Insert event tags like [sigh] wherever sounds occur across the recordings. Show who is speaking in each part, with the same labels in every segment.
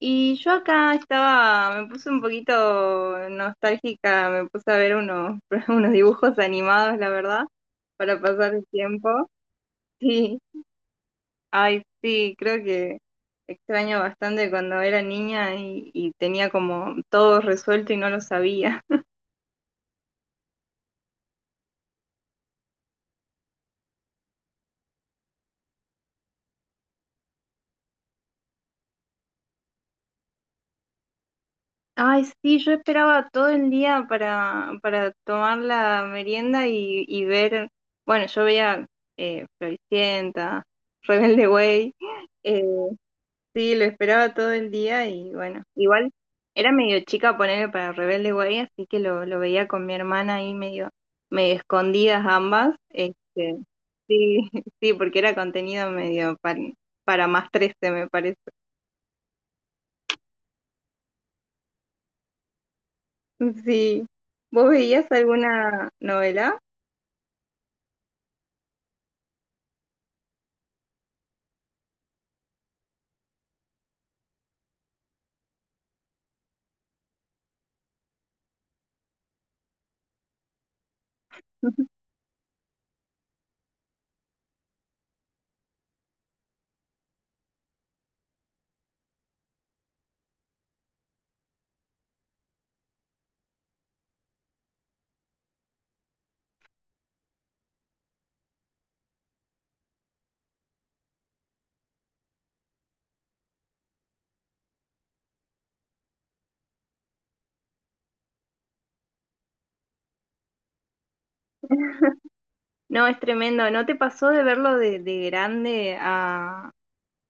Speaker 1: Y yo acá estaba, me puse un poquito nostálgica, me puse a ver unos, [laughs] unos dibujos animados, la verdad, para pasar el tiempo. Sí, ay, sí, creo que extraño bastante cuando era niña y tenía como todo resuelto y no lo sabía. [laughs] Ay, sí, yo esperaba todo el día para tomar la merienda y ver, bueno, yo veía Floricienta, Rebelde Way. Sí, lo esperaba todo el día y bueno, igual era medio chica ponerle para Rebelde Way, así que lo veía con mi hermana ahí medio escondidas ambas. Este, sí, [laughs] sí, porque era contenido medio para más 13, me parece. [laughs] Sí. ¿Vos veías alguna novela? [laughs] No, es tremendo. ¿No te pasó de verlo de grande a,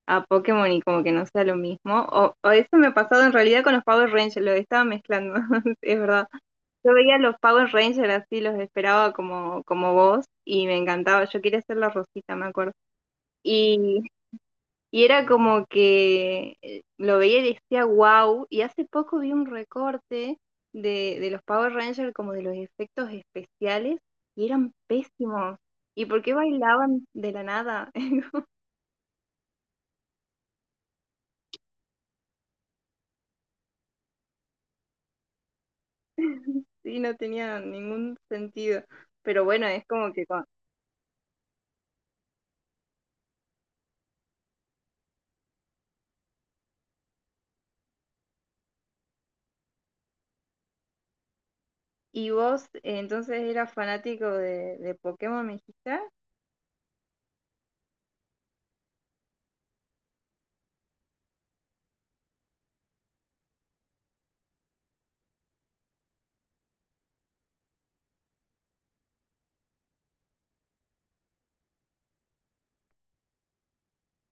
Speaker 1: a Pokémon y como que no sea lo mismo? O eso me ha pasado en realidad con los Power Rangers, lo estaba mezclando, [laughs] es verdad. Yo veía los Power Rangers así, los esperaba como, como vos y me encantaba. Yo quería ser la Rosita, me acuerdo. Y, y era como que lo veía y decía wow. Y hace poco vi un recorte de los Power Rangers como de los efectos especiales y eran pésimos. ¿Y por qué bailaban de la nada? [laughs] Sí, no tenía ningún sentido. Pero bueno, es como que cua- ¿Y vos entonces eras fanático de Pokémon, me dijiste?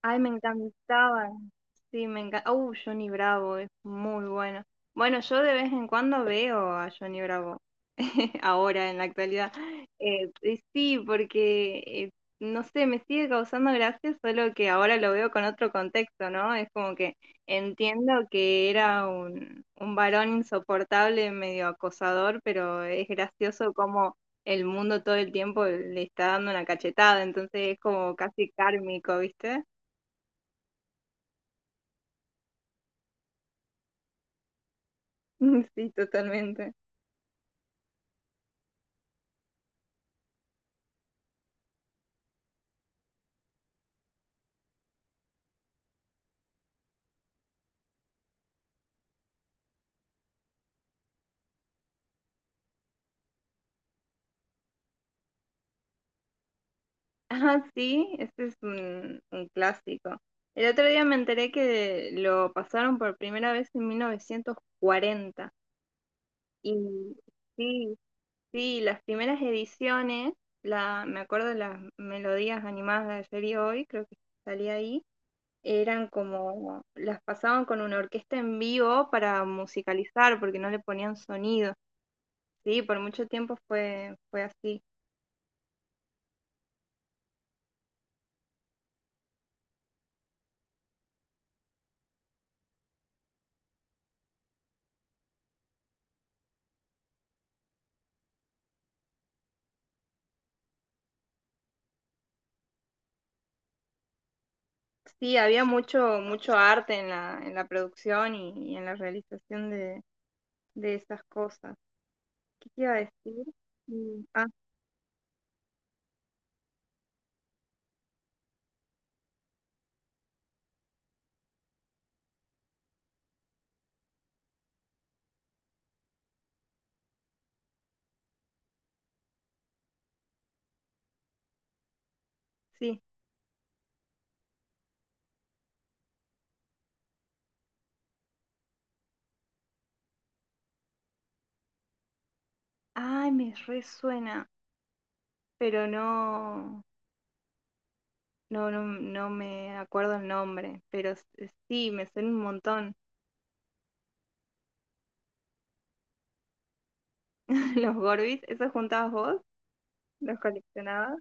Speaker 1: Ay, me encantaba. Sí, me encanta. Johnny Bravo es muy bueno. Bueno, yo de vez en cuando veo a Johnny Bravo, [laughs] ahora en la actualidad. Y sí, porque no sé, me sigue causando gracia, solo que ahora lo veo con otro contexto, ¿no? Es como que entiendo que era un varón insoportable, medio acosador, pero es gracioso como el mundo todo el tiempo le está dando una cachetada, entonces es como casi kármico, ¿viste? [laughs] Sí, totalmente. Ah, sí, ese es un clásico. El otro día me enteré que lo pasaron por primera vez en 1940. Y sí, sí, las primeras ediciones, la, me acuerdo de las melodías animadas de ayer y hoy, creo que salía ahí, eran como, las pasaban con una orquesta en vivo para musicalizar, porque no le ponían sonido. Sí, por mucho tiempo fue, fue así. Sí, había mucho, mucho arte en la producción y en la realización de esas cosas. ¿Qué te iba a decir? Mm. Ah, sí. Ay, me resuena, pero no, no, no, no me acuerdo el nombre, pero sí, me suena un montón. [laughs] Los Gorbis, ¿esos juntabas vos? ¿Los coleccionabas?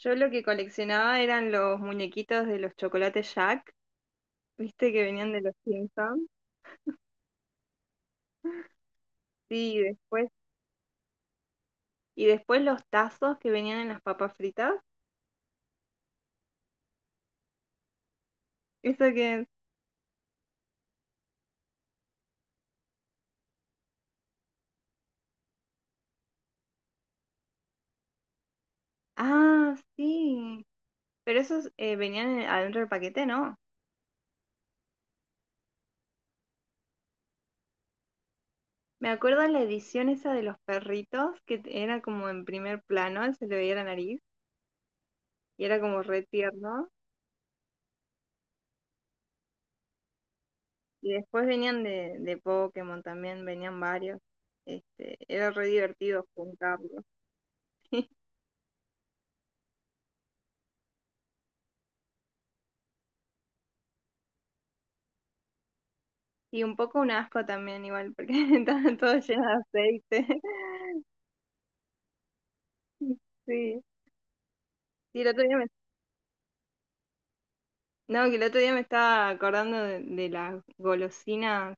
Speaker 1: Yo lo que coleccionaba eran los muñequitos de los chocolates Jack, ¿viste que venían de los Simpsons? Sí, después. Y después los tazos que venían en las papas fritas. Eso que. Ah, sí. Pero esos venían adentro del paquete, ¿no? Me acuerdo la edición esa de los perritos, que t- era como en primer plano, se le veía la nariz, y era como re tierno. Y después venían de Pokémon también, venían varios. Este, era re divertido juntarlos. [laughs] Y un poco un asco también, igual, porque [laughs] estaban todos llenos de aceite. [laughs] Sí. Sí, el otro día me. No, que el otro día me estaba acordando de las golosinas,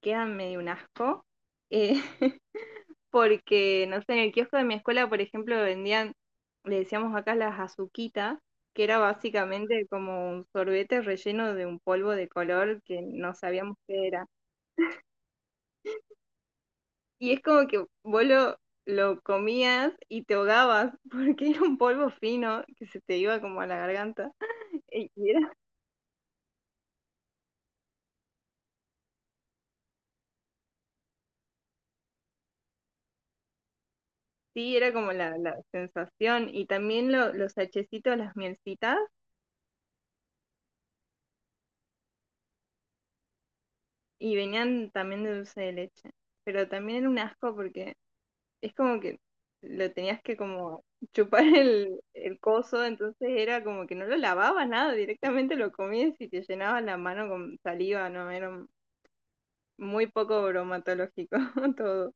Speaker 1: quedan medio un asco, eh, [laughs] porque, no sé, en el kiosco de mi escuela, por ejemplo, vendían, le decíamos acá las azuquitas, que era básicamente como un sorbete relleno de un polvo de color que no sabíamos qué era. Y es como que vos lo comías y te ahogabas, [laughs] porque era un polvo fino que se te iba como a la garganta. [laughs] Y era. Sí, era como la sensación. Y también los hachecitos, las mielcitas, y venían también de dulce de leche. Pero también era un asco porque es como que lo tenías que como chupar [laughs] el coso, entonces era como que no lo lavabas nada, directamente lo comías y te llenabas la mano con saliva, ¿no? Era muy poco bromatológico [laughs] todo.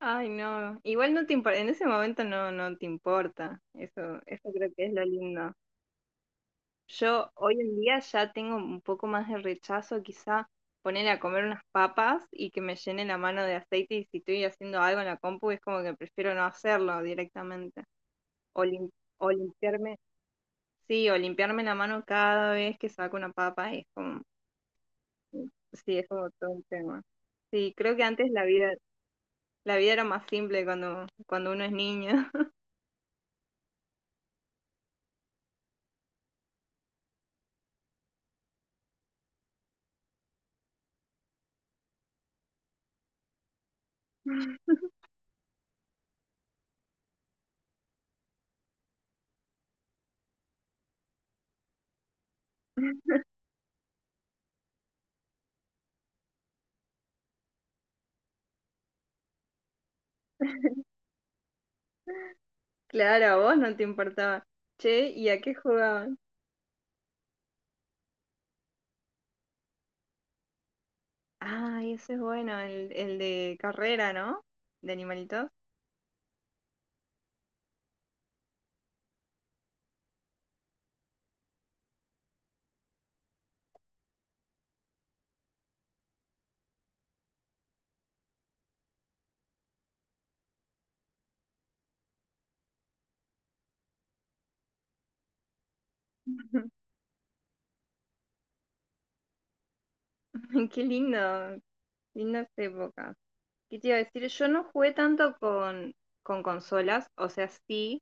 Speaker 1: Ay, no. Igual no te importa, en ese momento no, no te importa. Eso creo que es lo lindo. Yo hoy en día ya tengo un poco más de rechazo, quizá ponerle a comer unas papas y que me llene la mano de aceite y si estoy haciendo algo en la compu es como que prefiero no hacerlo directamente. O, o limpiarme, sí, o limpiarme la mano cada vez que saco una papa es como, mm, sí, es como todo un tema. Sí, creo que antes la vida era más simple cuando, cuando uno es niño. [laughs] Claro, a vos no te importaba. Che, ¿y a qué jugabas? Ah, ese es bueno, el de carrera, ¿no? De animalitos. [laughs] Qué lindo, linda esa época. ¿Qué te iba a decir? Yo no jugué tanto con consolas, o sea, sí,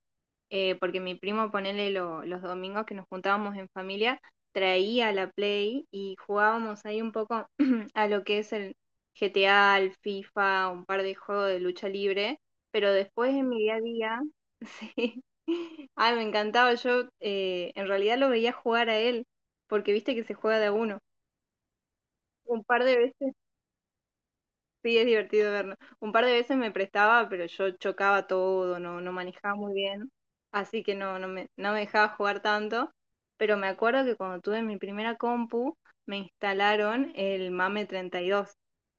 Speaker 1: porque mi primo, ponele los domingos que nos juntábamos en familia, traía la Play y jugábamos ahí un poco [clears throat] a lo que es el GTA, el FIFA, un par de juegos de lucha libre, pero después en mi día a día, [laughs] sí, ay, me encantaba, yo en realidad lo veía jugar a él, porque viste que se juega de a uno. Un par de veces. Sí, es divertido verlo. Un par de veces me prestaba, pero yo chocaba todo, no, no manejaba muy bien, así que no, no me dejaba jugar tanto. Pero me acuerdo que cuando tuve mi primera compu, me instalaron el MAME 32. Y dos.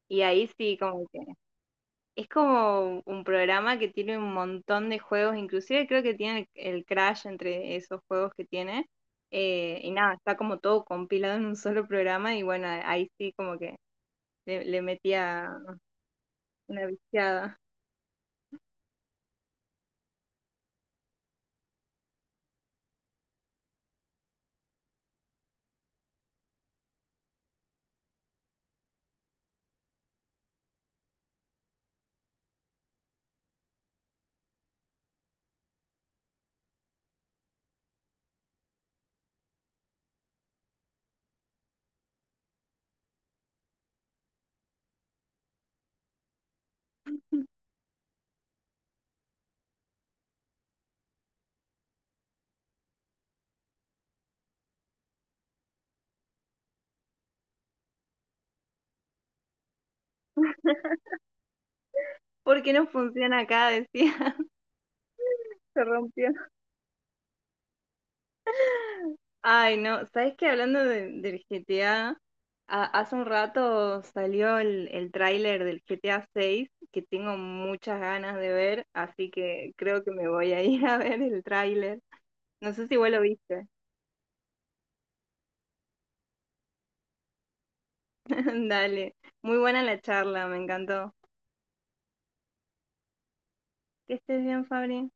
Speaker 1: Y ahí sí, como que es como un programa que tiene un montón de juegos, inclusive creo que tiene el Crash entre esos juegos que tiene. Eh, y nada, está como todo compilado en un solo programa y bueno, ahí sí como que le metía una viciada. ¿Por qué no funciona acá? Decía, [laughs] se rompió. Ay, no, ¿sabes qué? Hablando del GTA, hace un rato salió el tráiler del GTA 6 que tengo muchas ganas de ver, así que creo que me voy a ir [laughs] a ver el tráiler. No sé si vos lo viste. [laughs] Dale, muy buena la charla, me encantó. Que estés bien, Fabri.